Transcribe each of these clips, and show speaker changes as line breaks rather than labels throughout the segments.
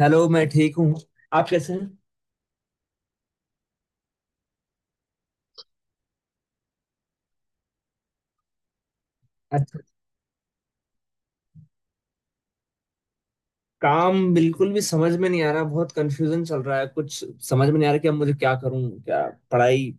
Hello, मैं ठीक हूँ। आप कैसे हैं। अच्छा, काम बिल्कुल भी समझ में नहीं आ रहा, बहुत कंफ्यूजन चल रहा है। कुछ समझ में नहीं आ रहा कि अब मुझे क्या करूँ, क्या पढ़ाई।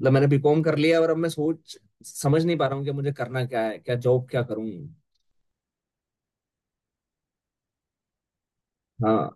मतलब मैंने बीकॉम कर लिया और अब मैं सोच समझ नहीं पा रहा हूँ कि मुझे करना क्या है, क्या जॉब, क्या करूँ। हाँ।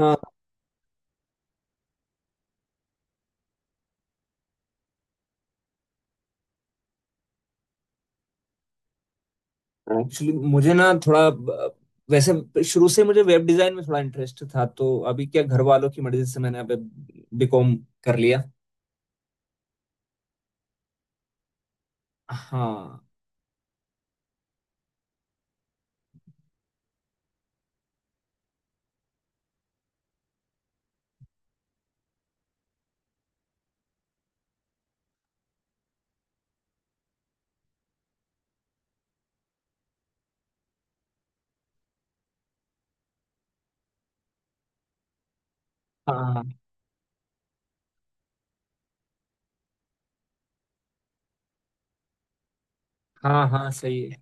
हाँ, एक्चुअली मुझे ना थोड़ा वैसे शुरू से मुझे वेब डिजाइन में थोड़ा इंटरेस्ट था, तो अभी क्या, घर वालों की मर्जी से मैंने अब बीकॉम कर लिया। हाँ। हाँ, हाँ, हाँ सही है।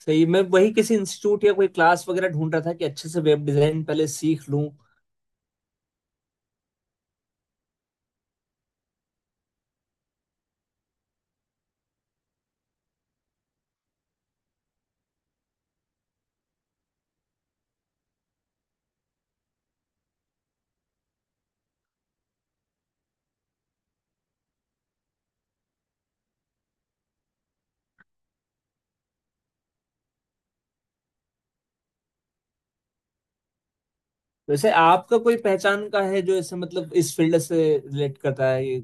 सही, मैं वही किसी इंस्टीट्यूट या कोई क्लास वगैरह ढूंढ रहा था कि अच्छे से वेब डिजाइन पहले सीख लूं। वैसे आपका कोई पहचान का है जो ऐसे मतलब इस फील्ड से रिलेट करता है? ये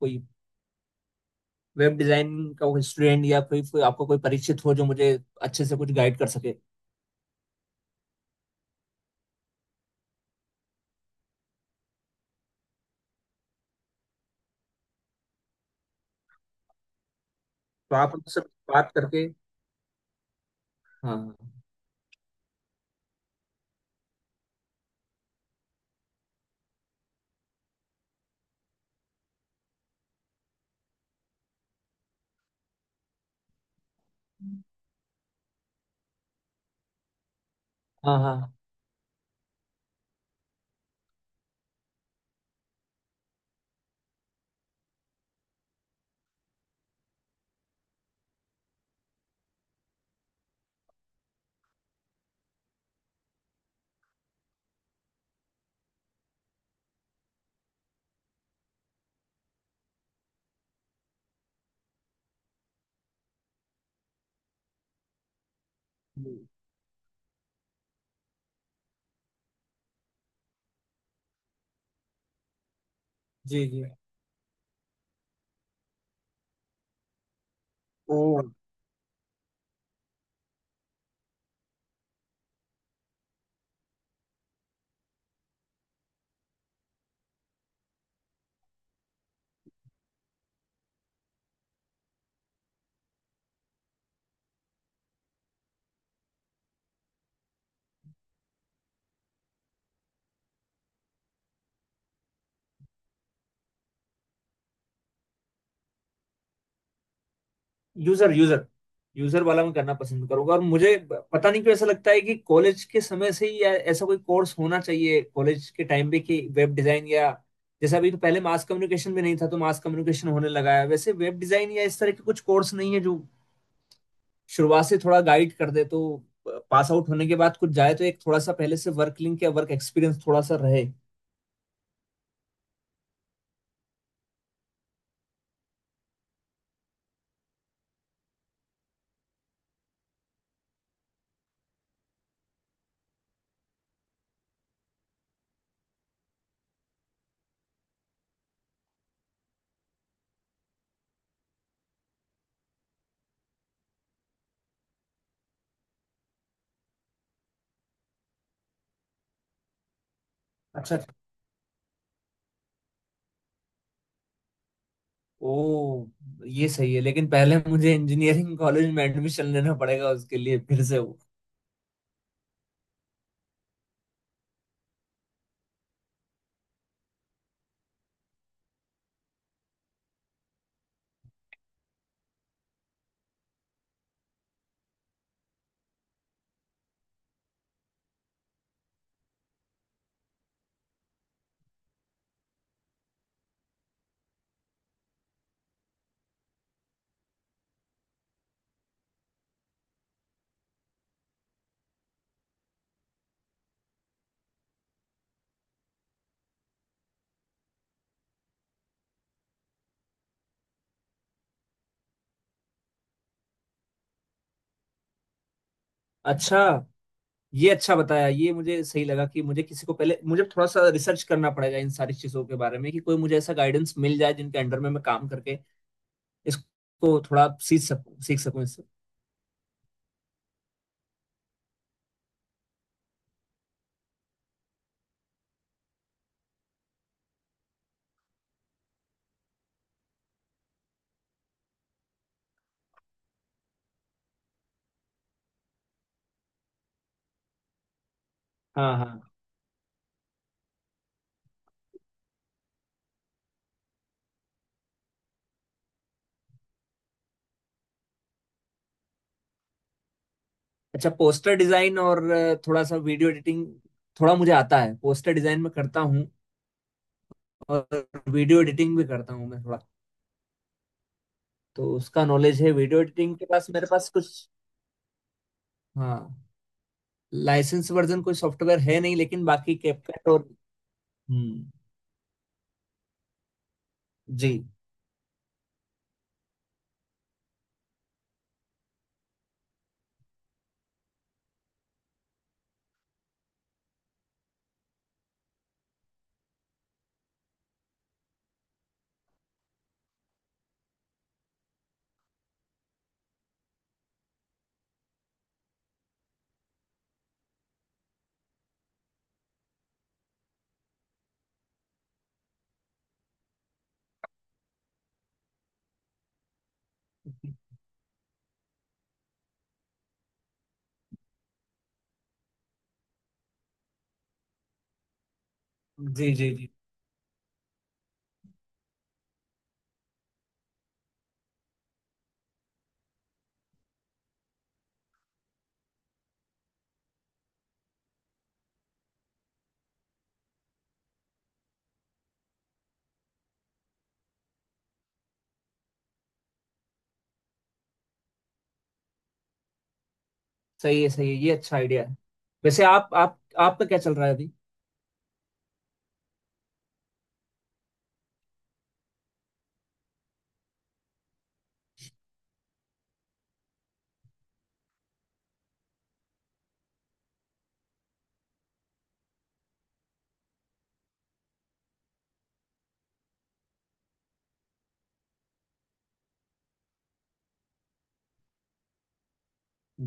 कोई वेब डिजाइन का कोई स्टूडेंट या कोई आपका कोई परिचित हो जो मुझे अच्छे से कुछ गाइड कर सके, तो आप उनसे बात करके। हाँ, हाँ, हाँ हाँ। जी, जी। ओ। यूजर यूजर यूजर वाला मैं करना पसंद करूंगा। और मुझे पता नहीं क्यों ऐसा लगता है कि कॉलेज के समय से ही ऐसा कोई कोर्स होना चाहिए कॉलेज के टाइम पे कि वेब डिजाइन या जैसा अभी, तो पहले मास कम्युनिकेशन भी नहीं था तो मास कम्युनिकेशन होने लगा है। वैसे वेब डिजाइन या इस तरह के कुछ कोर्स नहीं है जो शुरुआत से थोड़ा गाइड कर दे, तो पास आउट होने के बाद कुछ जाए तो एक थोड़ा सा पहले से वर्क लिंक या वर्क एक्सपीरियंस थोड़ा सा रहे। अच्छा अच्छा। ओ, ये सही है, लेकिन पहले मुझे इंजीनियरिंग कॉलेज में एडमिशन लेना पड़ेगा उसके लिए फिर से वो। अच्छा, ये अच्छा बताया, ये मुझे सही लगा कि मुझे किसी को, पहले मुझे थोड़ा सा रिसर्च करना पड़ेगा इन सारी चीजों के बारे में कि कोई मुझे ऐसा गाइडेंस मिल जाए जिनके अंडर में मैं काम करके इसको थोड़ा सीख सकूं, सीख सकूं इससे। हाँ, हाँ। अच्छा, पोस्टर डिजाइन और थोड़ा सा वीडियो एडिटिंग थोड़ा मुझे आता है। पोस्टर डिजाइन में करता हूँ। और वीडियो एडिटिंग भी करता हूँ मैं थोड़ा। तो उसका नॉलेज है, वीडियो एडिटिंग के पास मेरे पास कुछ। हाँ, लाइसेंस वर्जन कोई सॉफ्टवेयर है नहीं, लेकिन बाकी कैपकट और। हम्म। जी जी जी जी। सही है, सही है, ये अच्छा आइडिया है। वैसे आप आपका क्या चल रहा है अभी?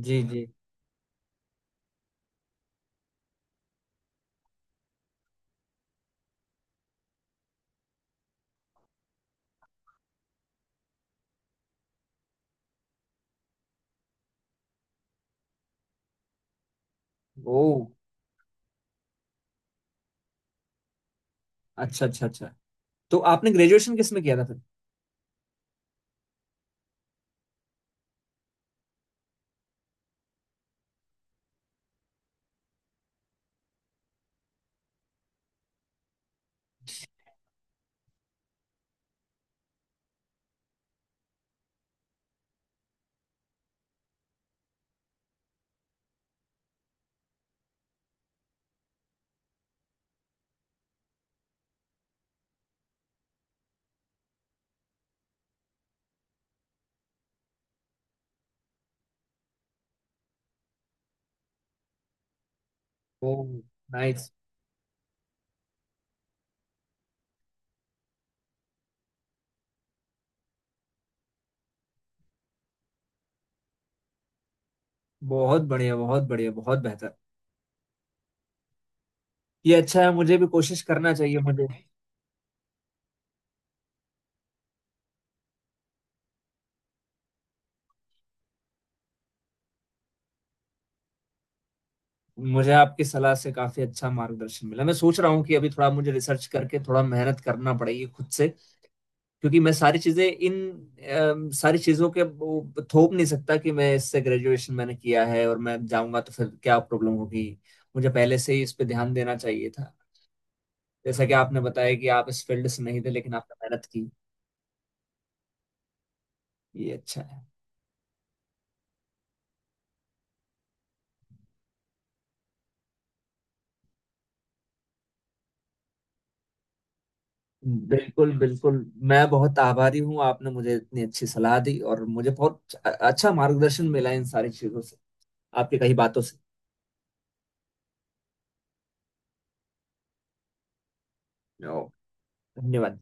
जी, जी। ओ, अच्छा अच्छा अच्छा। तो आपने ग्रेजुएशन किस में किया था फिर? ओ। नाइस। बहुत बढ़िया, बहुत बढ़िया, बहुत बेहतर। ये अच्छा है, मुझे भी कोशिश करना चाहिए मुझे। मुझे आपकी सलाह से काफी अच्छा मार्गदर्शन मिला, मैं सोच रहा हूँ कि अभी थोड़ा मुझे रिसर्च करके थोड़ा मेहनत करना पड़ेगी खुद से। क्योंकि मैं सारी चीजें इन सारी चीजों के वो थोप नहीं सकता कि मैं इससे ग्रेजुएशन मैंने किया है और मैं जाऊंगा, तो फिर क्या प्रॉब्लम होगी। मुझे पहले से ही इस पे ध्यान देना चाहिए था। जैसा कि आपने बताया कि आप इस फील्ड से नहीं थे, लेकिन आपने मेहनत की। ये अच्छा है। बिल्कुल, बिल्कुल। मैं बहुत आभारी हूँ, आपने मुझे इतनी अच्छी सलाह दी और मुझे बहुत अच्छा मार्गदर्शन मिला इन सारी चीजों से, आपकी कई बातों से। ओ, धन्यवाद।